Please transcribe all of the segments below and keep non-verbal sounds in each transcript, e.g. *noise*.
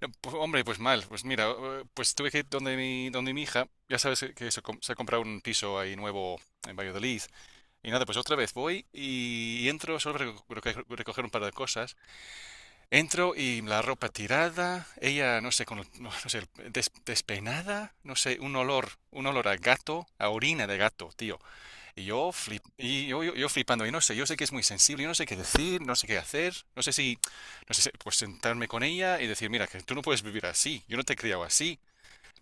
No, pues, hombre, pues mal. Pues mira, pues tuve que ir donde mi hija, ya sabes que se ha comprado un piso ahí nuevo en Valladolid. Y nada, pues otra vez voy y entro, solo para recoger un par de cosas. Entro y la ropa tirada, ella, no sé, no, no sé, despeinada, no sé, un olor a gato, a orina de gato, tío. Y yo, y yo, yo flipando, y no sé, yo sé que es muy sensible, yo no sé qué decir, no sé qué hacer, no sé si pues sentarme con ella y decir, mira, que tú no puedes vivir así, yo no te he criado así,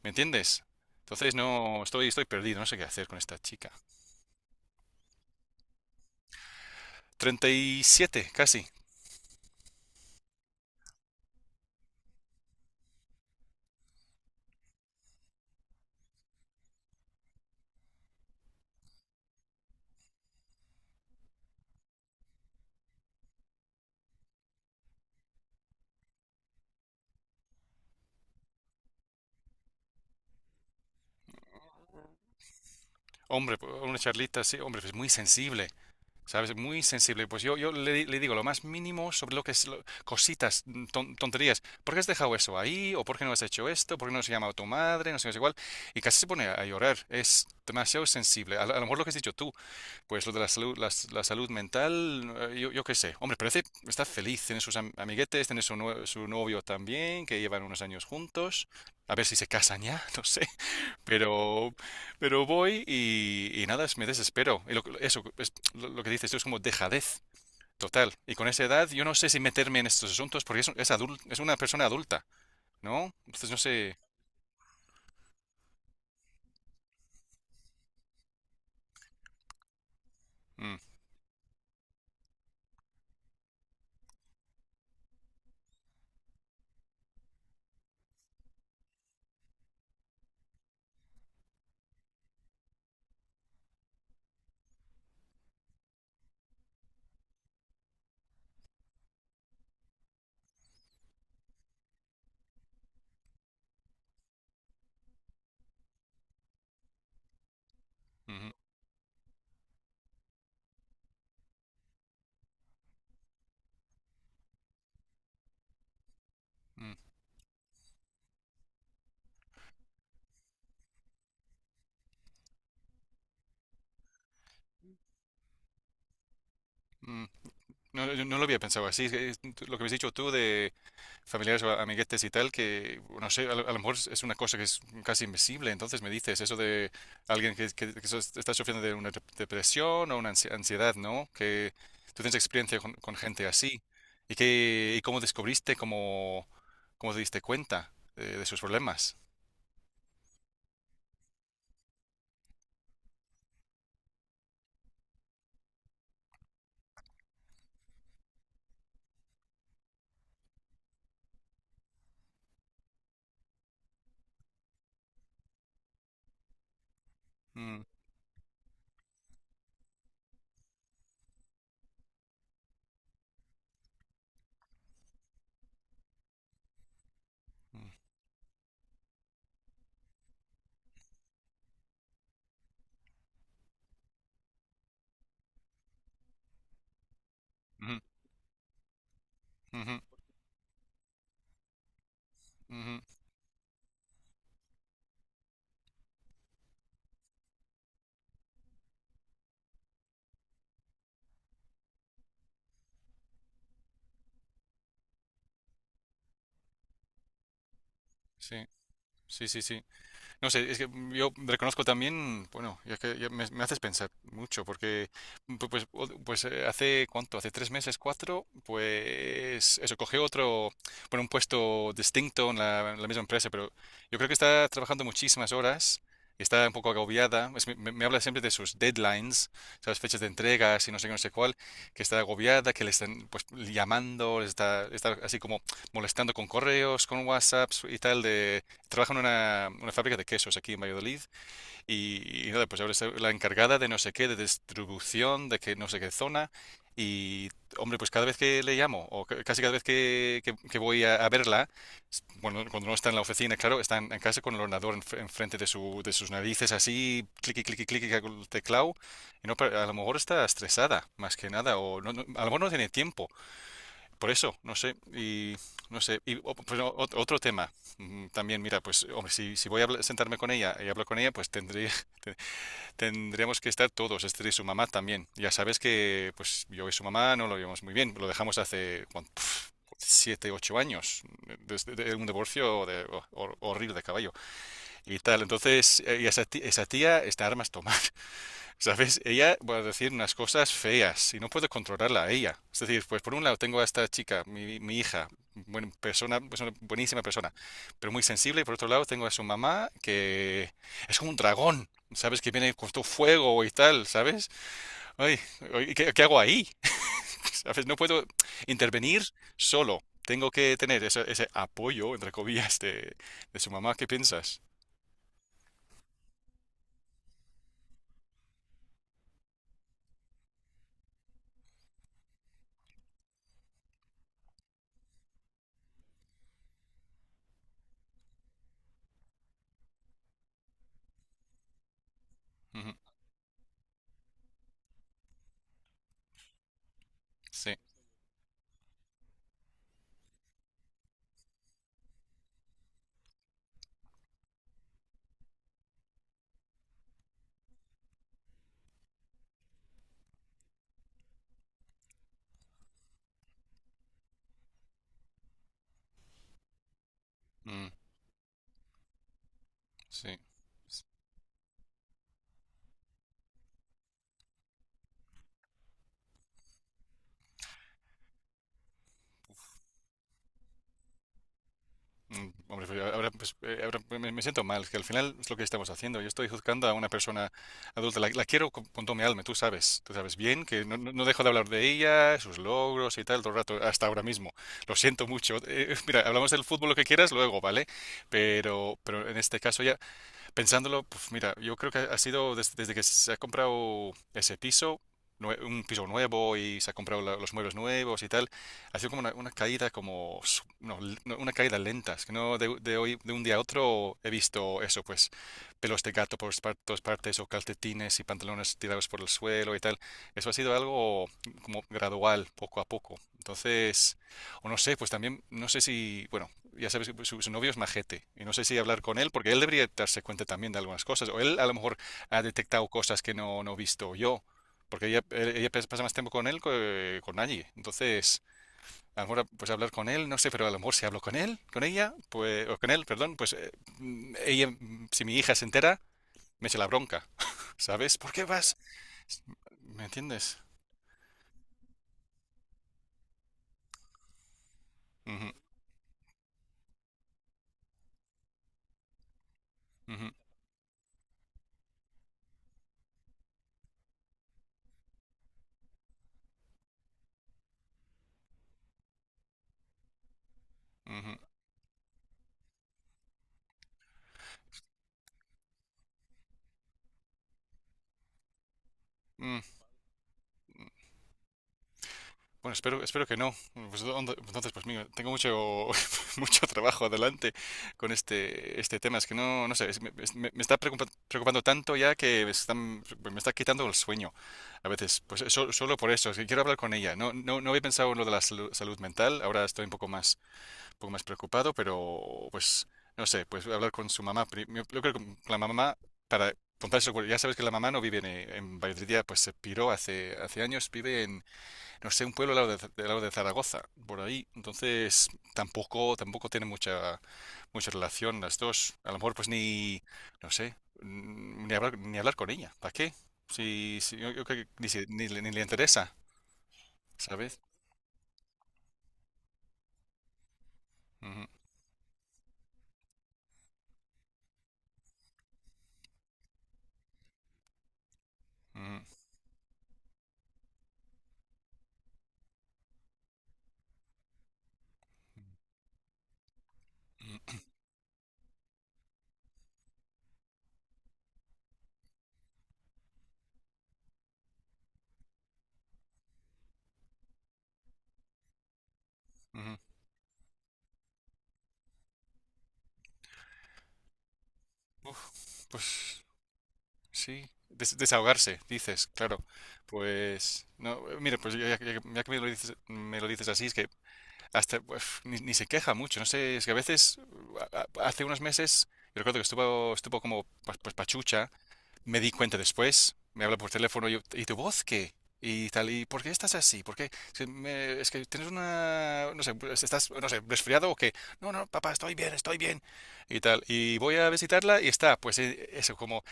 ¿me entiendes? Entonces no, estoy perdido, no sé qué hacer con esta chica. 37 casi. Hombre, pues, una charlita, sí, hombre, es muy sensible. ¿Sabes? Muy sensible. Pues yo, le digo lo más mínimo sobre lo que es cositas, tonterías. ¿Por qué has dejado eso ahí? ¿O por qué no has hecho esto? ¿Por qué no has llamado a tu madre? No sé, no sé cuál. Y casi se pone a llorar. Es demasiado sensible. A lo mejor lo que has dicho tú, pues lo de la salud, la salud mental, yo qué sé. Hombre, parece, está feliz, tiene sus amiguetes, tiene su novio también, que llevan unos años juntos. A ver si se casan ya, *laughs* no sé. Pero, pero voy y nada, me desespero. Y eso, es lo que dices tú es como dejadez total. Y con esa edad yo no sé si meterme en estos asuntos porque es, es una persona adulta, ¿no? Entonces no sé. Mm. Ujú. Mm. Mm. No, yo no lo había pensado así. Es que es lo que habéis dicho tú de familiares o amiguetes y tal, que no sé, a lo mejor es una cosa que es casi invisible. Entonces me dices eso de alguien que, está sufriendo de una depresión o una ansiedad, ¿no? Que tú tienes experiencia con gente así. ¿Y, que y cómo descubriste, cómo te diste cuenta de sus problemas? Mm. Mm. Ujú. Ujú. Ujú. Sí, sí, sí, sí. No sé, es que yo reconozco también, bueno, ya que ya me haces pensar mucho, porque pues, pues hace cuánto, hace 3 meses, 4, pues eso, cogí otro, bueno, un puesto distinto en la misma empresa, pero yo creo que está trabajando muchísimas horas, y está un poco agobiada. Me habla siempre de sus deadlines, las fechas de entregas y no sé qué, no sé cuál, que está agobiada, que le están pues llamando, le está, está así como molestando con correos, con WhatsApps y tal, trabaja en una fábrica de quesos aquí en Valladolid y nada, pues ahora es la encargada de no sé qué, de distribución, de que no sé qué zona. Y, hombre, pues cada vez que le llamo, o casi cada vez que, que voy a verla, bueno, cuando no está en la oficina, claro, está en casa con el ordenador enfrente de sus narices, así, clic, clic, clic, con el teclado, y no, a lo mejor está estresada, más que nada, o no- no- a lo mejor no tiene tiempo por eso, no sé, y no sé, otro tema. También, mira, pues hombre, si voy a sentarme con ella y hablo con ella, pues tendría, *laughs* te- tendríamos que estar todos, este y su mamá también. Ya sabes que pues yo y su mamá no lo llevamos muy bien, lo dejamos hace 7, 8 años, desde de un divorcio de, horrible de caballo y tal. Entonces, y esa tía está a armas tomar. ¿Sabes? Ella va a decir unas cosas feas y no puedo controlarla a ella. Es decir, pues por un lado tengo a esta chica, mi hija, buena persona, pues una buenísima persona, pero muy sensible. Y por otro lado tengo a su mamá que es como un dragón, ¿sabes? Que viene con todo fuego y tal, ¿sabes? Ay, ay, ¿qué hago ahí? *laughs* ¿Sabes? No puedo intervenir solo. Tengo que tener ese apoyo, entre comillas, de su mamá. ¿Qué piensas? Ujú. Sí. Mm. Sí. Mm. Hombre, pues, ahora me siento mal, que al final es lo que estamos haciendo. Yo estoy juzgando a una persona adulta, la quiero con toda mi alma, tú sabes bien que no, no dejo de hablar de ella, sus logros y tal todo el rato, hasta ahora mismo. Lo siento mucho. Mira, hablamos del fútbol lo que quieras luego, ¿vale? Pero en este caso ya, pensándolo, pues mira, yo creo que ha sido desde que se ha comprado ese piso, un piso nuevo y se ha comprado los muebles nuevos y tal, ha sido como una caída como, su- no, l- no, una caída lenta, es que no de hoy, de un día a otro he visto eso, pues pelos de gato por todas partes o calcetines y pantalones tirados por el suelo y tal, eso ha sido algo como gradual, poco a poco. Entonces, o no sé, pues también, no sé si, bueno, ya sabes, su novio es majete. Y no sé si hablar con él, porque él debería darse cuenta también de algunas cosas. O él a lo mejor ha detectado cosas que no he visto yo. Porque ella pasa más tiempo con él que con nadie. Entonces, a lo mejor pues hablar con él, no sé, pero a lo mejor si hablo con él, con ella, pues, o con él, perdón, pues ella, si mi hija se entera, me echa la bronca. *laughs* ¿Sabes? ¿Por qué vas? ¿Me entiendes? Ujú. Ujú. Ujú. Mm. Bueno, espero que no. Pues, entonces, pues mira, tengo mucho, *laughs* mucho trabajo adelante con este tema. Es que no, no sé, me está preocupando tanto ya que me está quitando el sueño a veces. Pues solo por eso, es que quiero hablar con ella. No, no, no había pensado en lo de la salud mental. Ahora estoy un poco más preocupado, pero pues no sé, pues hablar con su mamá. Yo creo que con la mamá, para contarse, ya sabes que la mamá no vive en Valladolid, ya, pues se piró hace años, vive en no sé, un pueblo al lado de, Zaragoza, por ahí. Entonces, tampoco tiene mucha relación las dos. A lo mejor, pues ni, no sé, ni hablar con ella. ¿Para qué? Yo creo que ni le interesa, ¿sabes? Ujú. Ujú. Ujú. Ujú. Uf, pues sí, desahogarse, dices, claro. Pues, no, mira, pues ya que me lo dices, así, es que hasta uf, ni se queja mucho, no sé, es que a veces, hace unos meses, yo recuerdo que estuvo como pues pachucha, me di cuenta después, me habla por teléfono, y yo, ¿y tu voz qué? Y tal, ¿y por qué estás así? ¿Por qué? Es que, es que tienes una, no sé, pues, estás, no sé, resfriado o qué. No, no, papá, estoy bien, estoy bien. Y tal, y voy a visitarla y está, pues eso, como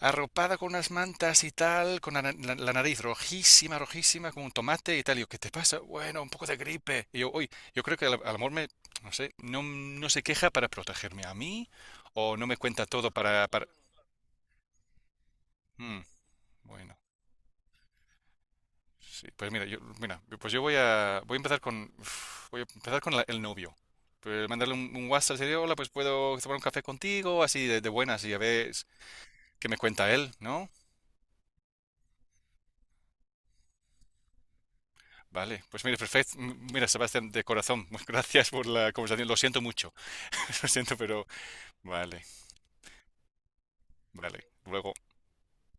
arropada con unas mantas y tal, con la nariz rojísima, rojísima, como un tomate y tal. Y yo, ¿qué te pasa? Bueno, un poco de gripe. Y yo, uy, yo creo que al amor me, no sé, no se queja para protegerme a mí o no me cuenta todo para, para. Mm, bueno, sí, pues mira, yo, mira, pues voy a empezar con, uf, voy a empezar con el novio. Pues mandarle un WhatsApp, decirle, hola, pues puedo tomar un café contigo, así de buenas y a ver qué me cuenta él, ¿no? Vale, pues mire, perfecto. Mira, Sebastián, de corazón, *laughs* gracias por la conversación. Lo siento mucho, *laughs* lo siento, pero vale, vale. Luego.